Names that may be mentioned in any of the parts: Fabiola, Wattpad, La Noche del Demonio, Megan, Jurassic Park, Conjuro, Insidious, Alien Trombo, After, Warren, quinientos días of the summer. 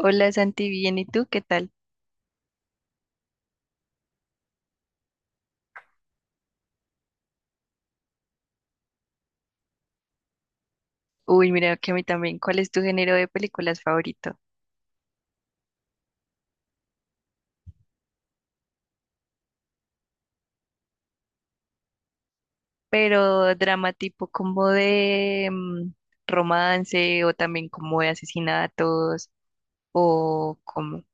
Hola Santi, bien, ¿y tú qué tal? Uy, mira que a mí también. ¿Cuál es tu género de películas favorito? Pero drama tipo como de romance o también como de asesinatos o como.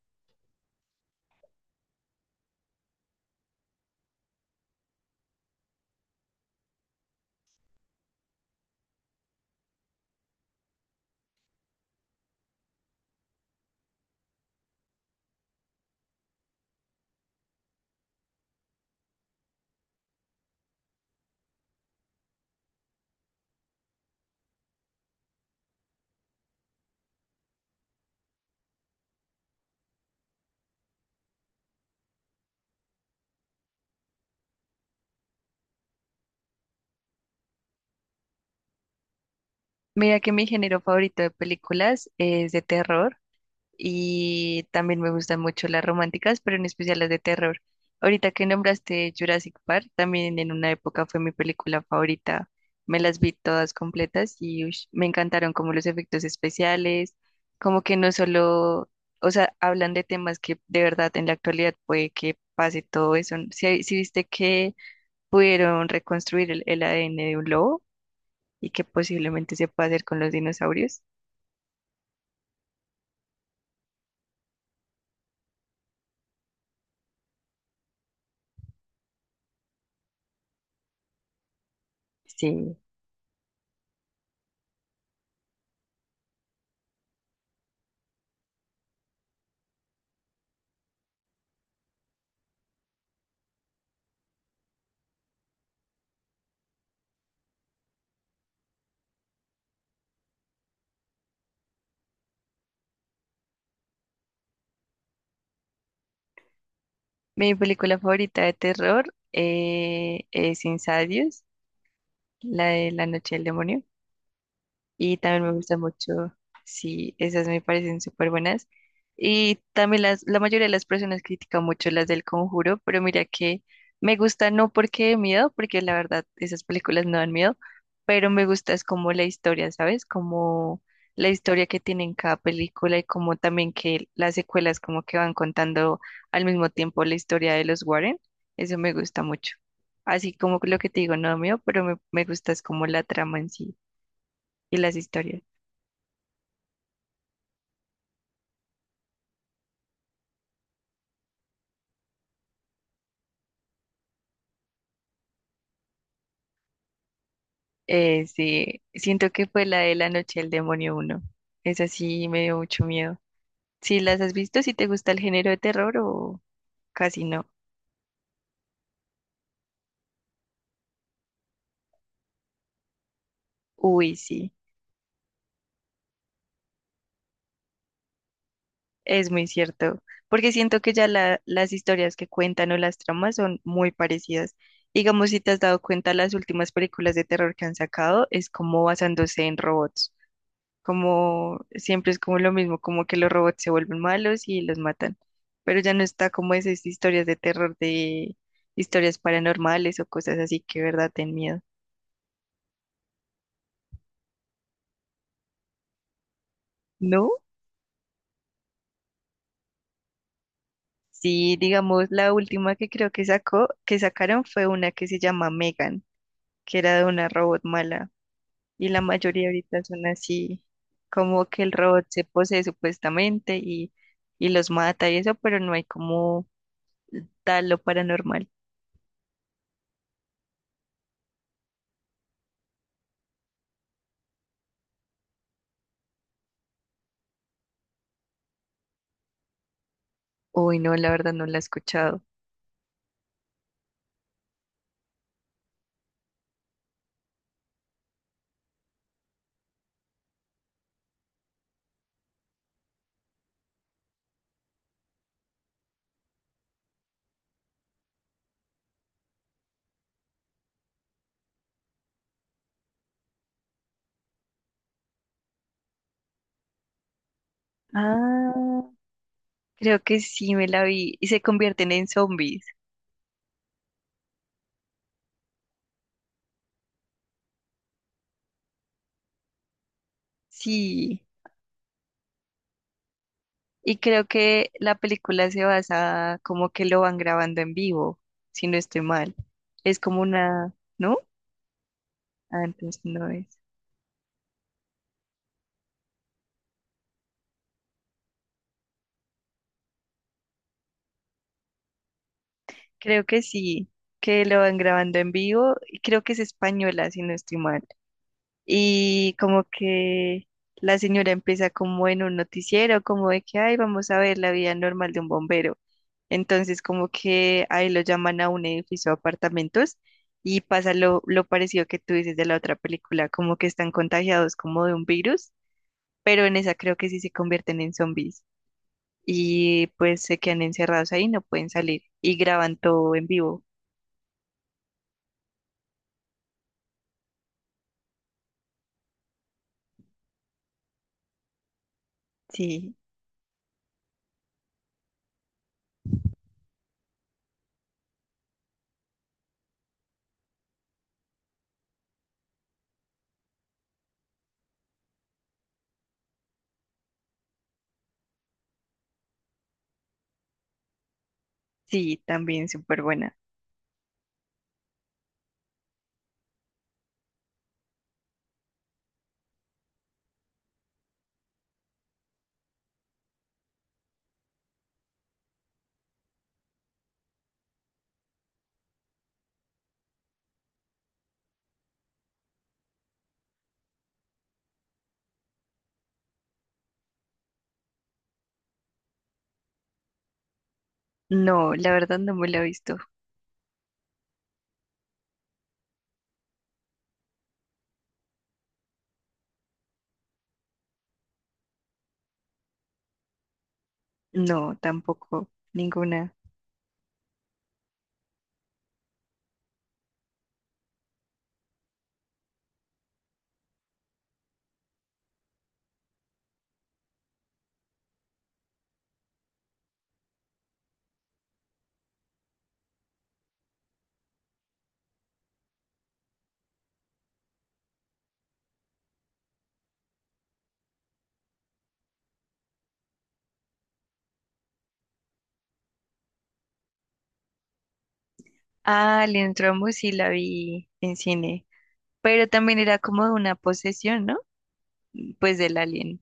Mira que mi género favorito de películas es de terror. Y también me gustan mucho las románticas, pero en especial las de terror. Ahorita que nombraste Jurassic Park, también en una época fue mi película favorita. Me las vi todas completas y ush, me encantaron como los efectos especiales, como que no solo, o sea, hablan de temas que de verdad en la actualidad puede que pase todo eso. Si viste que pudieron reconstruir el ADN de un lobo y que posiblemente se pueda hacer con los dinosaurios, sí. Mi película favorita de terror es Insidious, la de La Noche del Demonio y también me gusta mucho, sí, esas me parecen súper buenas. Y también la mayoría de las personas critican mucho las del Conjuro, pero mira que me gusta no porque de miedo, porque la verdad esas películas no dan miedo, pero me gusta es como la historia, ¿sabes? Como la historia que tiene en cada película y como también que las secuelas como que van contando al mismo tiempo la historia de los Warren, eso me gusta mucho. Así como lo que te digo, no da miedo, pero me gusta es como la trama en sí y las historias. Sí, siento que fue la de La Noche del Demonio uno. Esa sí me dio mucho miedo. Si las has visto, si te gusta el género de terror o casi no. Uy, sí, es muy cierto. Porque siento que ya las historias que cuentan o las tramas son muy parecidas. Digamos, si te has dado cuenta, las últimas películas de terror que han sacado es como basándose en robots. Como siempre es como lo mismo, como que los robots se vuelven malos y los matan, pero ya no está como esas historias de terror de historias paranormales o cosas así que de verdad ten miedo. ¿No? Sí, digamos, la última que creo que sacó, que sacaron fue una que se llama Megan, que era de una robot mala, y la mayoría ahorita son así, como que el robot se posee supuestamente y los mata y eso, pero no hay como tal lo paranormal. Uy, no, la verdad no la he escuchado. Ah, creo que sí me la vi. Y se convierten en zombies. Sí. Y creo que la película se basa como que lo van grabando en vivo, si no estoy mal. Es como una, ¿no? Ah, entonces no es. Creo que sí, que lo van grabando en vivo y creo que es española, si no estoy mal. Y como que la señora empieza como en un noticiero, como de que, ay, vamos a ver la vida normal de un bombero. Entonces como que ahí lo llaman a un edificio de apartamentos y pasa lo parecido que tú dices de la otra película, como que están contagiados como de un virus, pero en esa creo que sí se convierten en zombies y pues se quedan encerrados ahí, no pueden salir y graban todo en vivo. Sí, sí, también súper buena. No, la verdad no me la he visto. No, tampoco, ninguna. Ah, Alien Trombo sí la vi en cine, pero también era como de una posesión, ¿no? Pues del alien.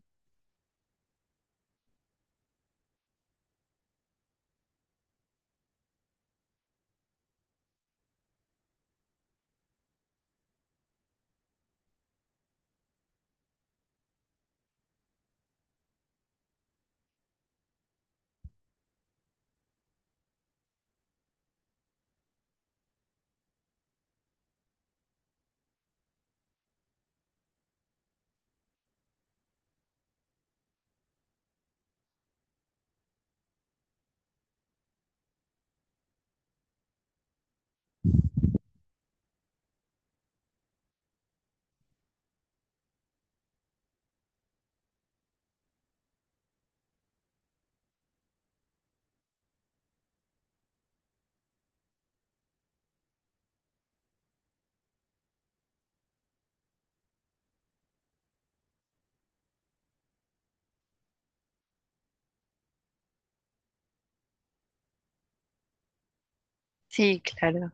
Sí, claro,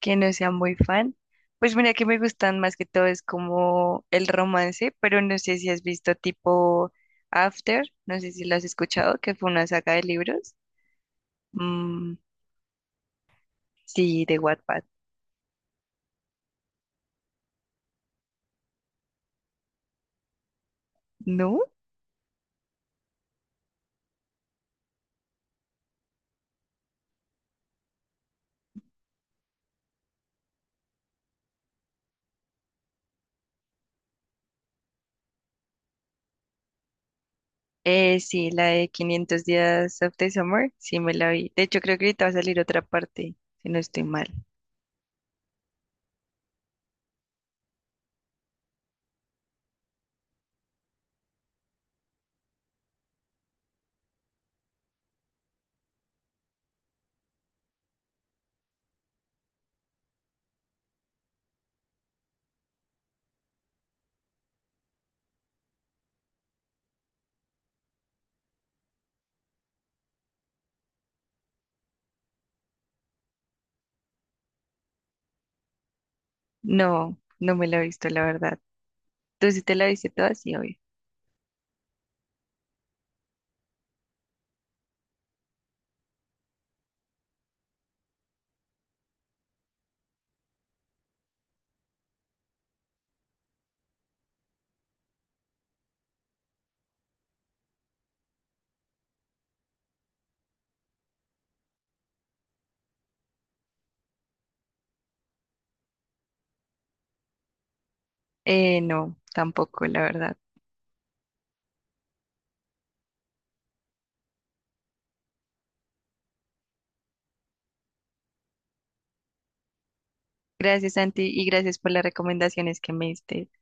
que no sea muy fan. Pues mira que me gustan más que todo es como el romance, pero no sé si has visto tipo After, no sé si lo has escuchado, que fue una saga de libros. Mm, sí, de Wattpad, ¿no? Sí, la de 500 días of the summer, sí me la vi. De hecho, creo que ahorita va a salir otra parte, si no estoy mal. No, no me la he visto, la verdad. ¿Tú sí te la viste toda? Sí, obvio. No, tampoco, la verdad. Gracias, Santi, y gracias por las recomendaciones que me diste.